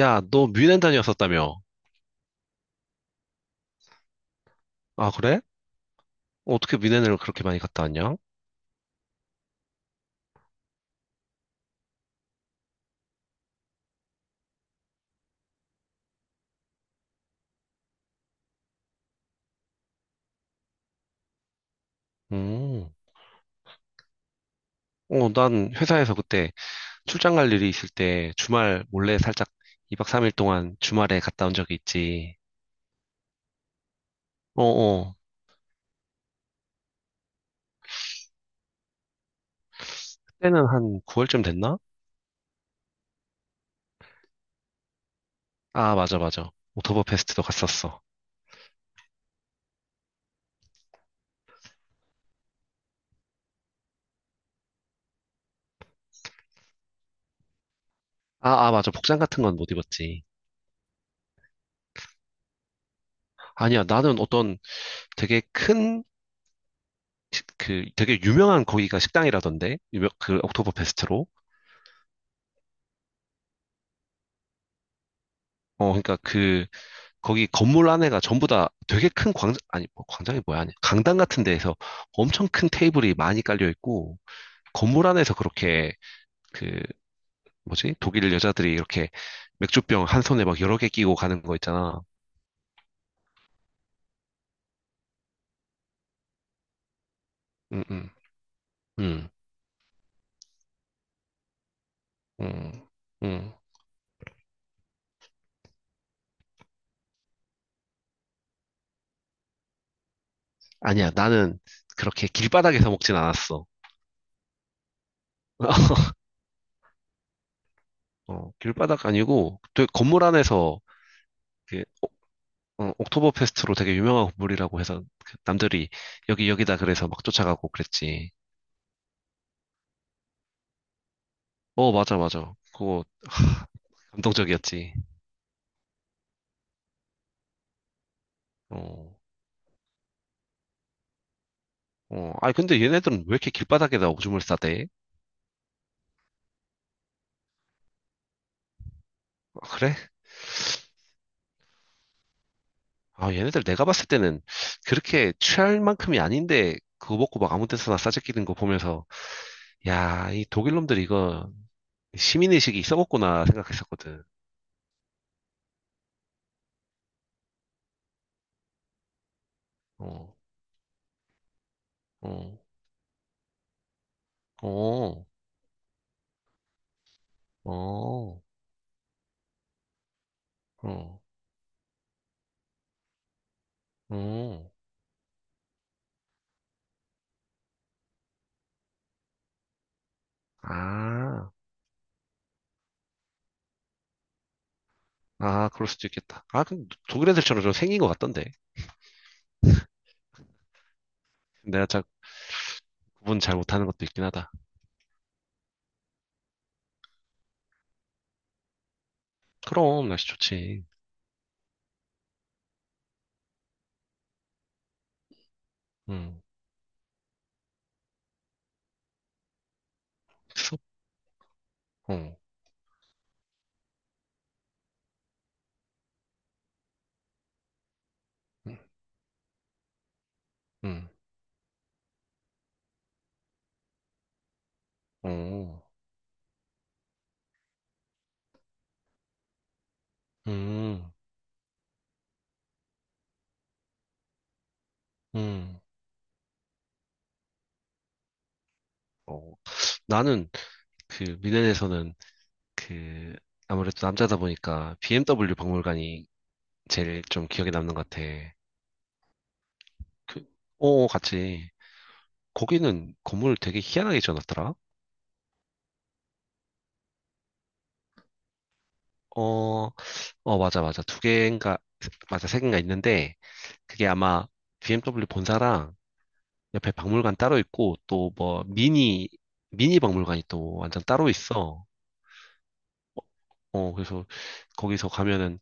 야, 너 뮌헨 다녀왔었다며? 아, 그래? 어떻게 뮌헨을 그렇게 많이 갔다 왔냐? 음. 어, 난 회사에서 그때 출장 갈 일이 있을 때 주말 몰래 살짝 2박 3일 동안 주말에 갔다 온 적이 있지. 어어. 그때는 한 9월쯤 됐나? 아, 맞아, 맞아. 옥토버 페스트도 갔었어. 아, 아, 맞아. 복장 같은 건 못 입었지. 아니야, 나는 어떤 되게 큰, 되게 유명한 거기가 식당이라던데? 옥토버 페스트로. 어, 그러니까 거기 건물 안에가 전부 다 되게 큰 광장, 아니, 뭐 광장이 뭐야, 아니, 강당 같은 데에서 엄청 큰 테이블이 많이 깔려 있고, 건물 안에서 그렇게, 그, 뭐지? 독일 여자들이 이렇게 맥주병 한 손에 막 여러 개 끼고 가는 거 있잖아. 응, 응, 응, 응, 응. 아니야, 나는 그렇게 길바닥에서 먹진 않았어. 어, 길바닥 아니고, 되게 건물 안에서, 그, 옥- 어, 옥토버 페스트로 되게 유명한 건물이라고 해서, 그 남들이 여기, 여기다 그래서 막 쫓아가고 그랬지. 어, 맞아, 맞아. 그거 감동적이었지. 어, 어. 아니, 근데 얘네들은 왜 이렇게 길바닥에다 오줌을 싸대? 아, 그래? 아, 얘네들 내가 봤을 때는 그렇게 취할 만큼이 아닌데, 그거 먹고 막 아무 데서나 싸재끼는 거 보면서, 야, 이 독일 놈들 이거 시민의식이 썩었구나 생각했었거든. 어, 어, 어, 어, 어, 어. 아, 아, 그럴 수도 있겠다. 아, 그 독일 애들처럼 좀 생긴 것 같던데. 내가 잘 구분 잘 못하는 것도 있긴 하다. 그럼 날씨 좋지. 응, 숲, 어, 응, 응, 어, 응, 응. 어, 나는 그 미넨에서는 그 아무래도 남자다 보니까 BMW 박물관이 제일 좀 기억에 남는 것 같아. 그, 같이. 거기는 건물 되게 희한하게 지어놨더라. 어, 어, 맞아, 맞아. 두 개인가, 맞아, 세 개인가 있는데, 그게 아마 BMW 본사랑 옆에 박물관 따로 있고, 또 뭐, 미니 박물관이 또 완전 따로 있어. 어, 그래서 거기서 가면은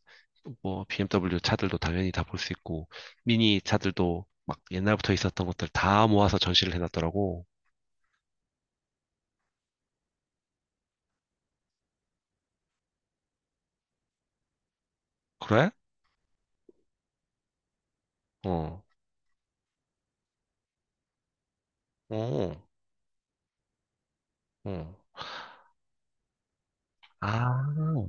뭐, BMW 차들도 당연히 다 볼 수 있고, 미니 차들도 막 옛날부터 있었던 것들 다 모아서 전시를 해놨더라고. 그래? 어, 어, 어. 아.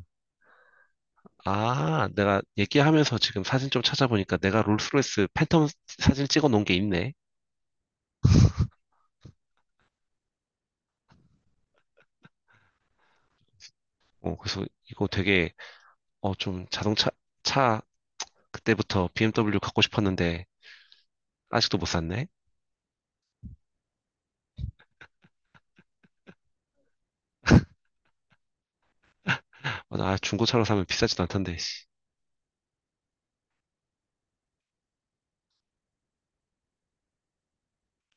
아, 내가 얘기하면서 지금 사진 좀 찾아보니까 내가 롤스로이스 팬텀 사진 찍어 놓은 게 있네. 어, 그래서 이거 되게, 어, 좀 차, 그때부터 BMW 갖고 싶었는데, 아직도 못 샀네. 아, 중고차로 사면 비싸지도 않던데, 씨.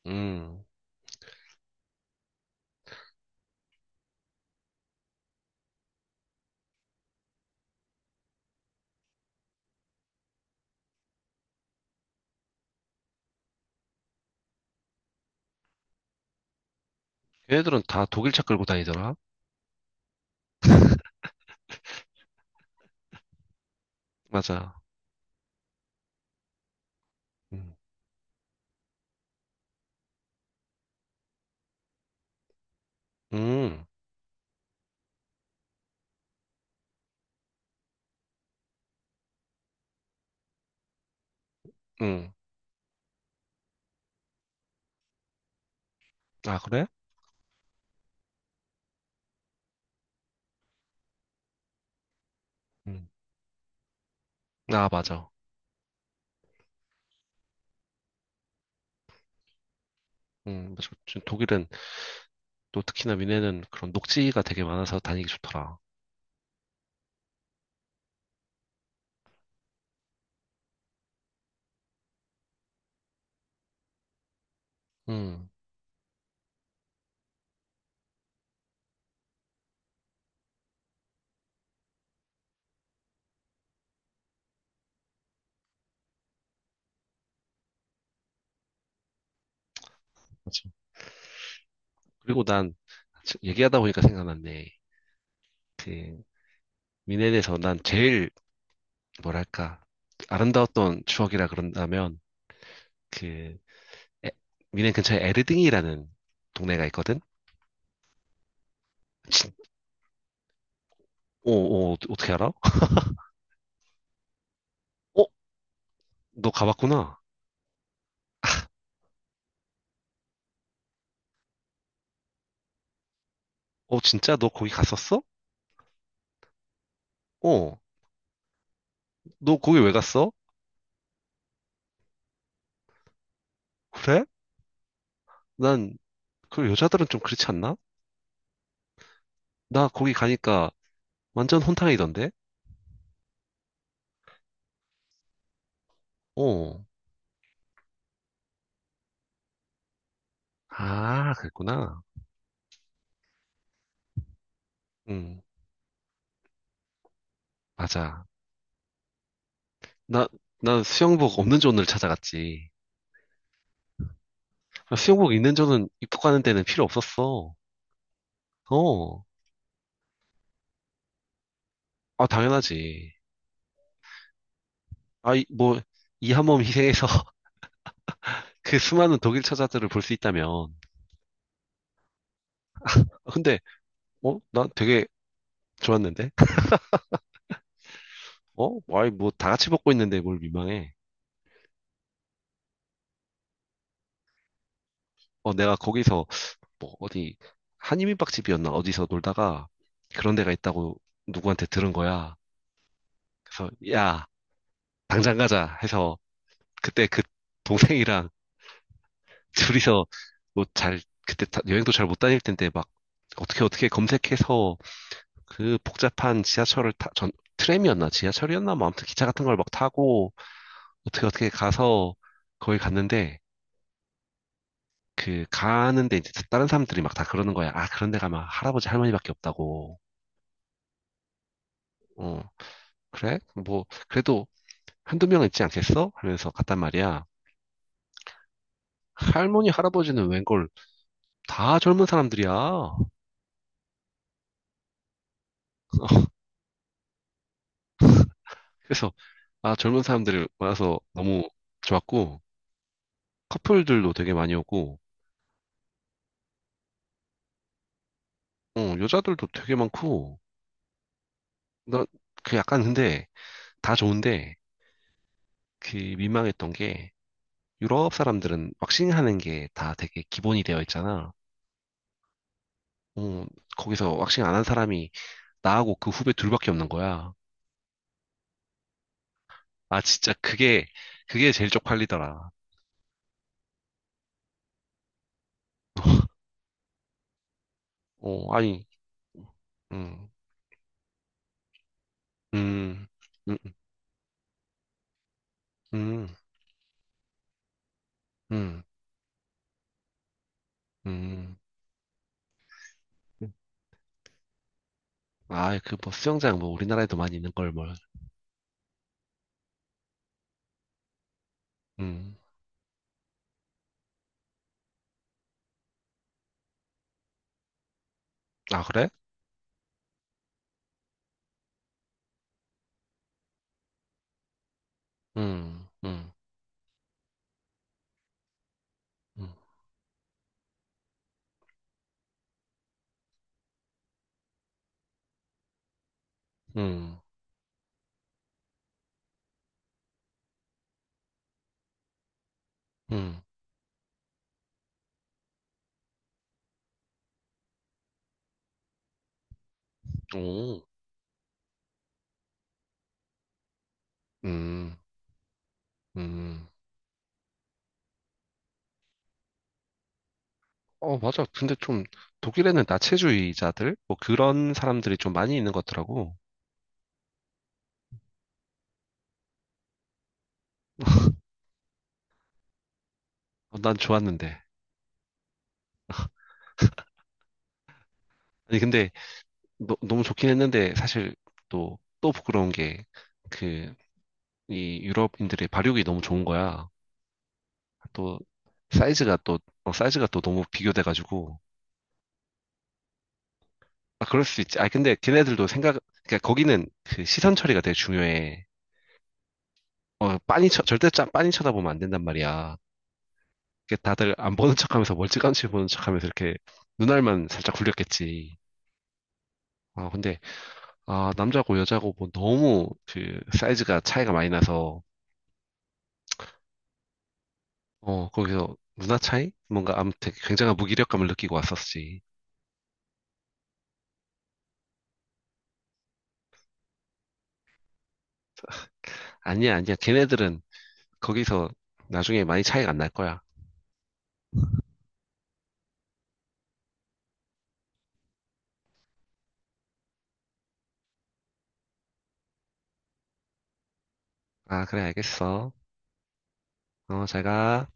음. 걔네들은 다 독일차 끌고 다니더라. 맞아. 음. 음. 음. 아, 그래? 음. 아, 맞아. 맞아. 지금 독일은 또 특히나 미네는 그런 녹지가 되게 많아서 다니기 좋더라. 음. 그리고 난 얘기하다 보니까 생각났네. 그 미넨에서 난 제일 뭐랄까 아름다웠던 추억이라 그런다면 그 에- 미넨 근처에 에르딩이라는 동네가 있거든. 진, 오, 오, 어떻게 알아? 어, 너 가봤구나. 어, 진짜 너 거기 갔었어? 어, 너 거기 왜 갔어? 그래? 난 그 여자들은 좀 그렇지 않나? 나 거기 가니까 완전 혼탕이던데. 어, 아, 그랬구나. 응, 맞아. 나, 나 수영복 없는 존을 찾아갔지. 아, 수영복 있는 존은 입국하는 데는 필요 없었어. 어, 아, 당연하지. 아, 이, 뭐, 이 한몸 희생해서 그 수많은 독일 처자들을 볼 수 있다면. 아, 근데, 어, 나 되게 좋았는데? 어, 아이, 뭐, 다 같이 먹고 있는데 뭘 민망해. 어, 내가 거기서, 뭐, 어디, 한인민박집이었나? 어디서 놀다가 그런 데가 있다고 누구한테 들은 거야. 그래서, 야, 당장 가자 해서 그때 그 동생이랑 둘이서 뭐 잘, 그때 여행도 잘 못 다닐 텐데 막 어떻게 어떻게 검색해서 그 복잡한 지하철을 트램이었나 지하철이었나 뭐 아무튼 기차 같은 걸 막 타고 어떻게 어떻게 가서 거기 갔는데 그 가는데 이제 다른 사람들이 막 다 그러는 거야. 아, 그런 데 가면 할아버지 할머니밖에 없다고. 어, 그래? 뭐 그래도 한두 명 있지 않겠어? 하면서 갔단 말이야. 할머니 할아버지는 웬걸 다 젊은 사람들이야. 그래서 아, 젊은 사람들이 많아서 너무 좋았고 커플들도 되게 많이 오고, 어, 여자들도 되게 많고, 나, 그 약간 근데 다 좋은데, 그 민망했던 게, 유럽 사람들은 왁싱 하는 게 다 되게 기본이 되어 있잖아. 어, 거기서 왁싱 안 한 사람이 나하고 그 후배 둘밖에 없는 거야. 아, 진짜 그게 제일 쪽팔리더라. 어, 아니, 음, 음, 음, 음, 음, 음. 아, 그 뭐 수영장 뭐 우리나라에도 많이 있는 걸 뭘. 음. 아, 그래? 음, 음, 음. 음, 음, 오, 음, 음. 어, 맞아. 근데 좀 독일에는 나체주의자들? 뭐 그런 사람들이 좀 많이 있는 것 같더라고. 어, 난 좋았는데. 아니, 근데 너무 좋긴 했는데 사실 또, 또 부끄러운 게 그, 이 유럽인들의 발육이 너무 좋은 거야. 또 사이즈가 또, 어, 사이즈가 또 너무 비교돼가지고. 아, 그럴 수 있지. 아, 근데 걔네들도 생각, 그러니까 거기는 그 시선 처리가 되게 중요해. 어, 절대 빤히 쳐다보면 안 된단 말이야. 이렇게 다들 안 보는 척하면서 멀찌감치 보는 척하면서 이렇게 눈알만 살짝 굴렸겠지. 아 근데 아 남자고 여자고 뭐 너무 그 사이즈가 차이가 많이 나서 어 거기서 누나 차이? 뭔가 아무튼 굉장한 무기력감을 느끼고 왔었지. 아니야 아니야 걔네들은 거기서 나중에 많이 차이가 안 날 거야. 아 그래 알겠어. 어 잘 가.